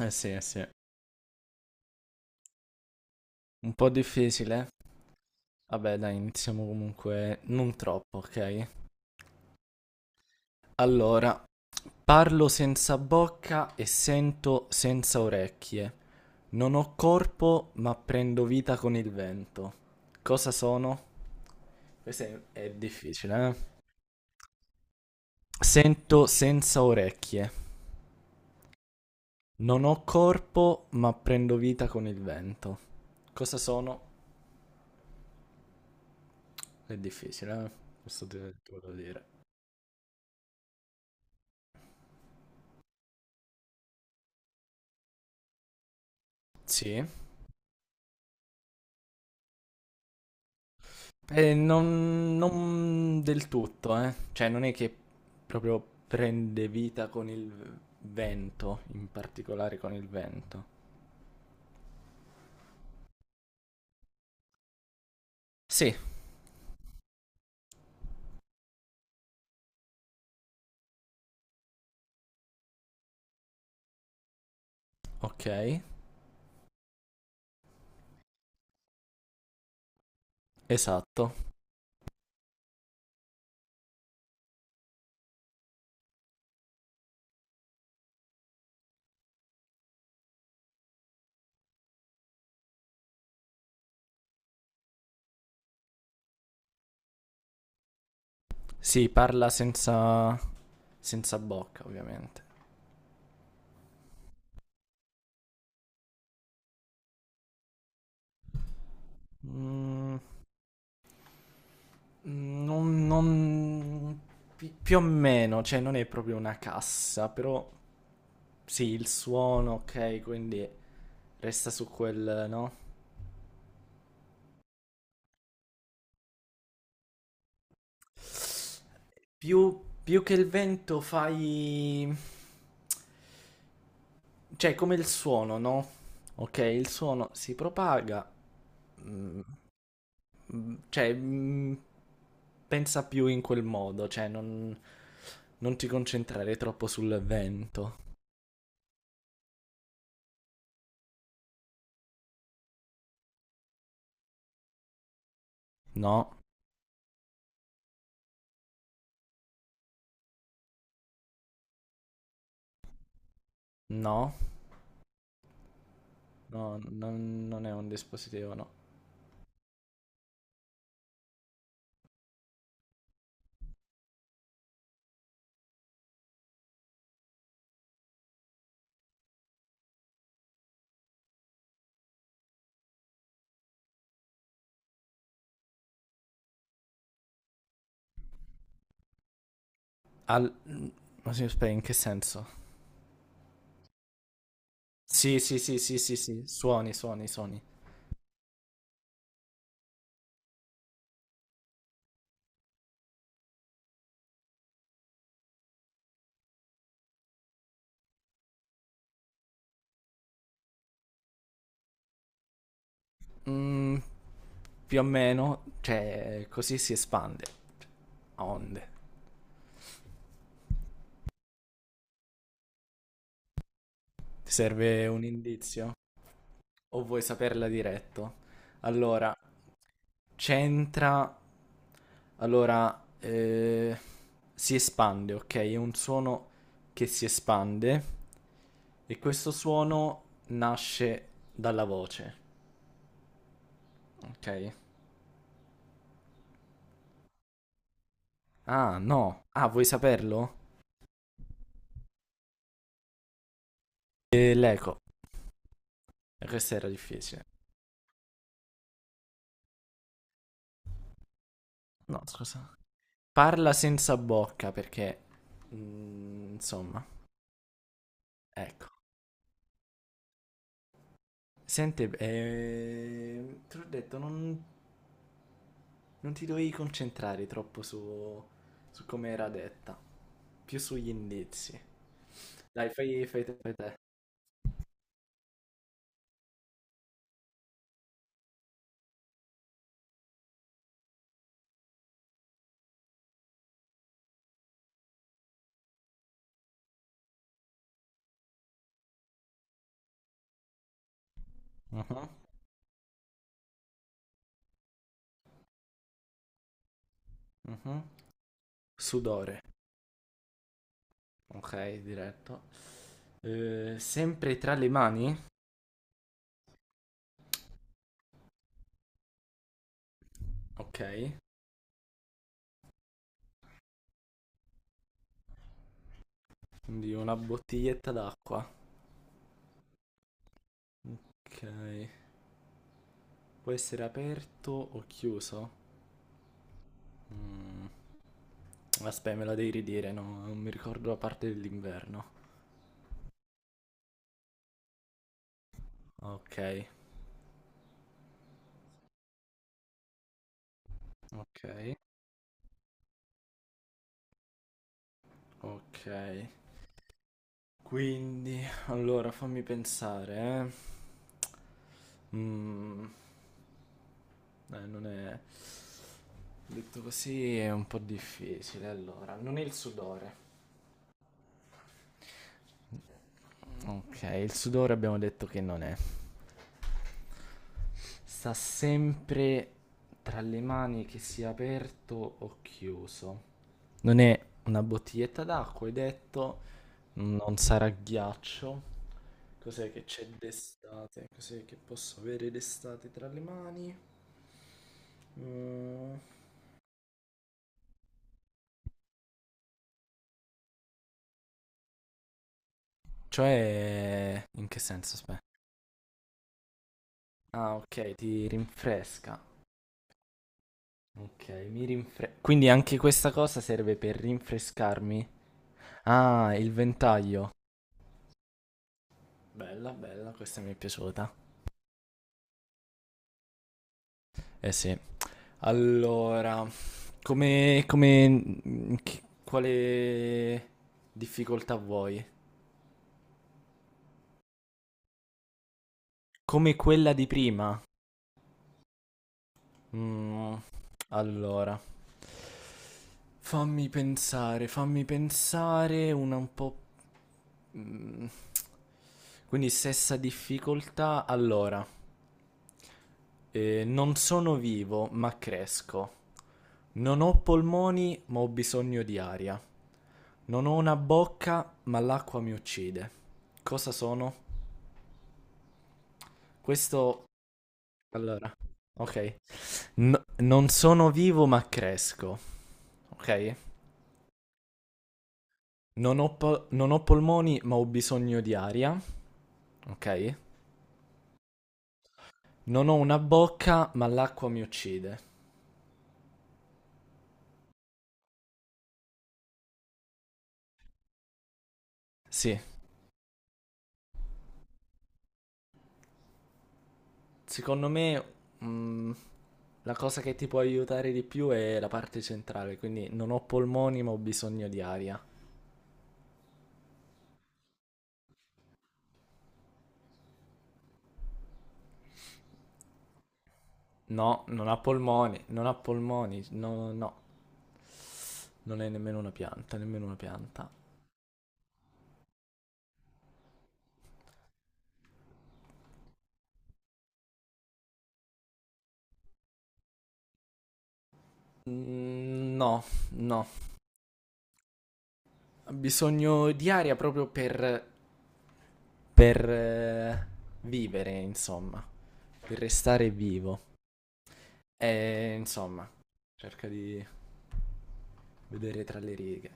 Eh sì, eh sì. Un po' difficile. Vabbè, dai, iniziamo comunque non troppo, ok? Allora, parlo senza bocca e sento senza orecchie. Non ho corpo, ma prendo vita con il vento. Cosa sono? Questo è difficile, eh? Sento senza orecchie. Non ho corpo, ma prendo vita con il vento. Cosa sono? È difficile, eh? Questo te lo devo dire. Sì. Non del tutto, eh. Cioè, non è che proprio prende vita con il vento, in particolare con il vento. Sì, ok, esatto. Sì, parla senza bocca, ovviamente. Mm, non, non- Più o meno, cioè, non è proprio una cassa, però sì, il suono, ok, quindi resta su quel, no? Più che il vento fai... Cioè, come il suono, no? Ok, il suono si propaga, mm, cioè, pensa più in quel modo, cioè, non ti concentrare troppo sul vento. No, no, no, non è un dispositivo, no. Al... mm, Ma sì, aspetta, in che senso? Sì, sì, sì, sì, sì, sì, suoni, suoni, suoni. Mm, Più o meno, cioè, così si espande. A onde. Ti serve un indizio? O vuoi saperla diretto? Allora, c'entra. Allora, si espande, ok? È un suono che si espande e questo suono nasce dalla voce, ok? Ah, no. Ah, vuoi saperlo? L'eco. Questa era difficile. No, scusa. Parla senza bocca perché... insomma, ecco. Senti, ti ho detto, non... Non ti dovevi concentrare troppo su come era detta, più sugli indizi. Dai, fai, fai te. Fai te. Mhm, mhm. Sudore, ok, diretto. Sempre tra le mani? Ok, quindi una bottiglietta d'acqua. Ok, può essere aperto o chiuso? Mm, Aspetta, me la devi ridire, no? Non mi ricordo la parte dell'inverno. Ok, ok, ok. Quindi, allora fammi pensare, eh. Mm, Non è... Detto così è un po' difficile, allora. Non è il sudore. Ok, il sudore abbiamo detto che non è. Sta sempre tra le mani che sia aperto o chiuso. Non è una bottiglietta d'acqua, hai detto. Non sarà ghiaccio. Cos'è che c'è d'estate? Cos'è che posso avere d'estate tra le mani? Mm. Cioè, in che senso? Aspetta. Ah, ok, ti rinfresca. Ok, quindi anche questa cosa serve per rinfrescarmi. Ah, il ventaglio. Bella, bella, questa mi è piaciuta. Eh sì. Allora, come, quale difficoltà vuoi? Come quella di prima? Mm, allora, fammi pensare una un po'... mm, Quindi stessa difficoltà. Allora, non sono vivo, ma cresco. Non ho polmoni, ma ho bisogno di aria. Non ho una bocca, ma l'acqua mi uccide. Cosa sono? Questo... Allora, ok. Non sono vivo, ma cresco. Ok? Non ho polmoni, ma ho bisogno di aria. Ok? Non ho una bocca, ma l'acqua mi uccide. Sì. Secondo me, mm, la cosa che ti può aiutare di più è la parte centrale, quindi non ho polmoni ma ho bisogno di aria. No, non ha polmoni, non ha polmoni, no, no, non è nemmeno una pianta, nemmeno una pianta. No, no, ha bisogno di aria proprio per vivere, insomma, per restare vivo. E insomma, cerca di vedere tra le righe.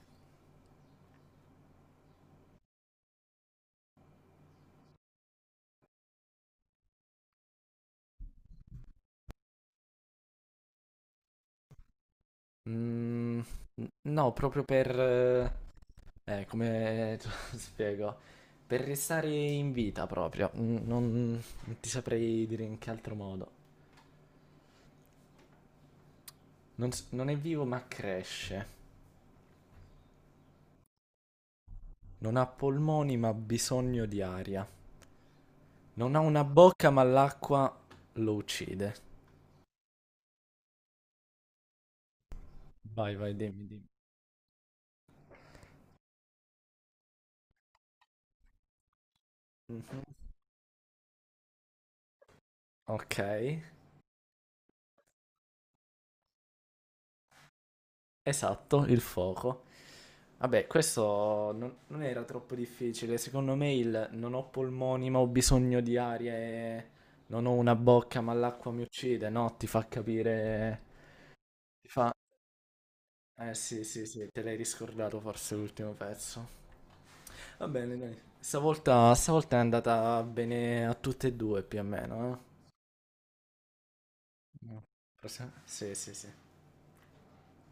Mm, no, proprio per... come te lo spiego? Per restare in vita proprio. Non ti saprei dire in che altro modo. Non è vivo ma cresce. Non ha polmoni ma ha bisogno di aria. Non ha una bocca ma l'acqua lo uccide. Vai, vai, dimmi, dimmi. Mhm. Ok, esatto, il fuoco. Vabbè, questo non era troppo difficile. Secondo me il non ho polmoni ma ho bisogno di aria e non ho una bocca ma l'acqua mi uccide, no? Ti fa capire... Ti fa... Eh sì, sì, sì, te l'hai riscordato forse l'ultimo pezzo. Va bene, dai. Stavolta, stavolta è andata bene a tutte e due più o meno, eh? No. Sì, sì, sì.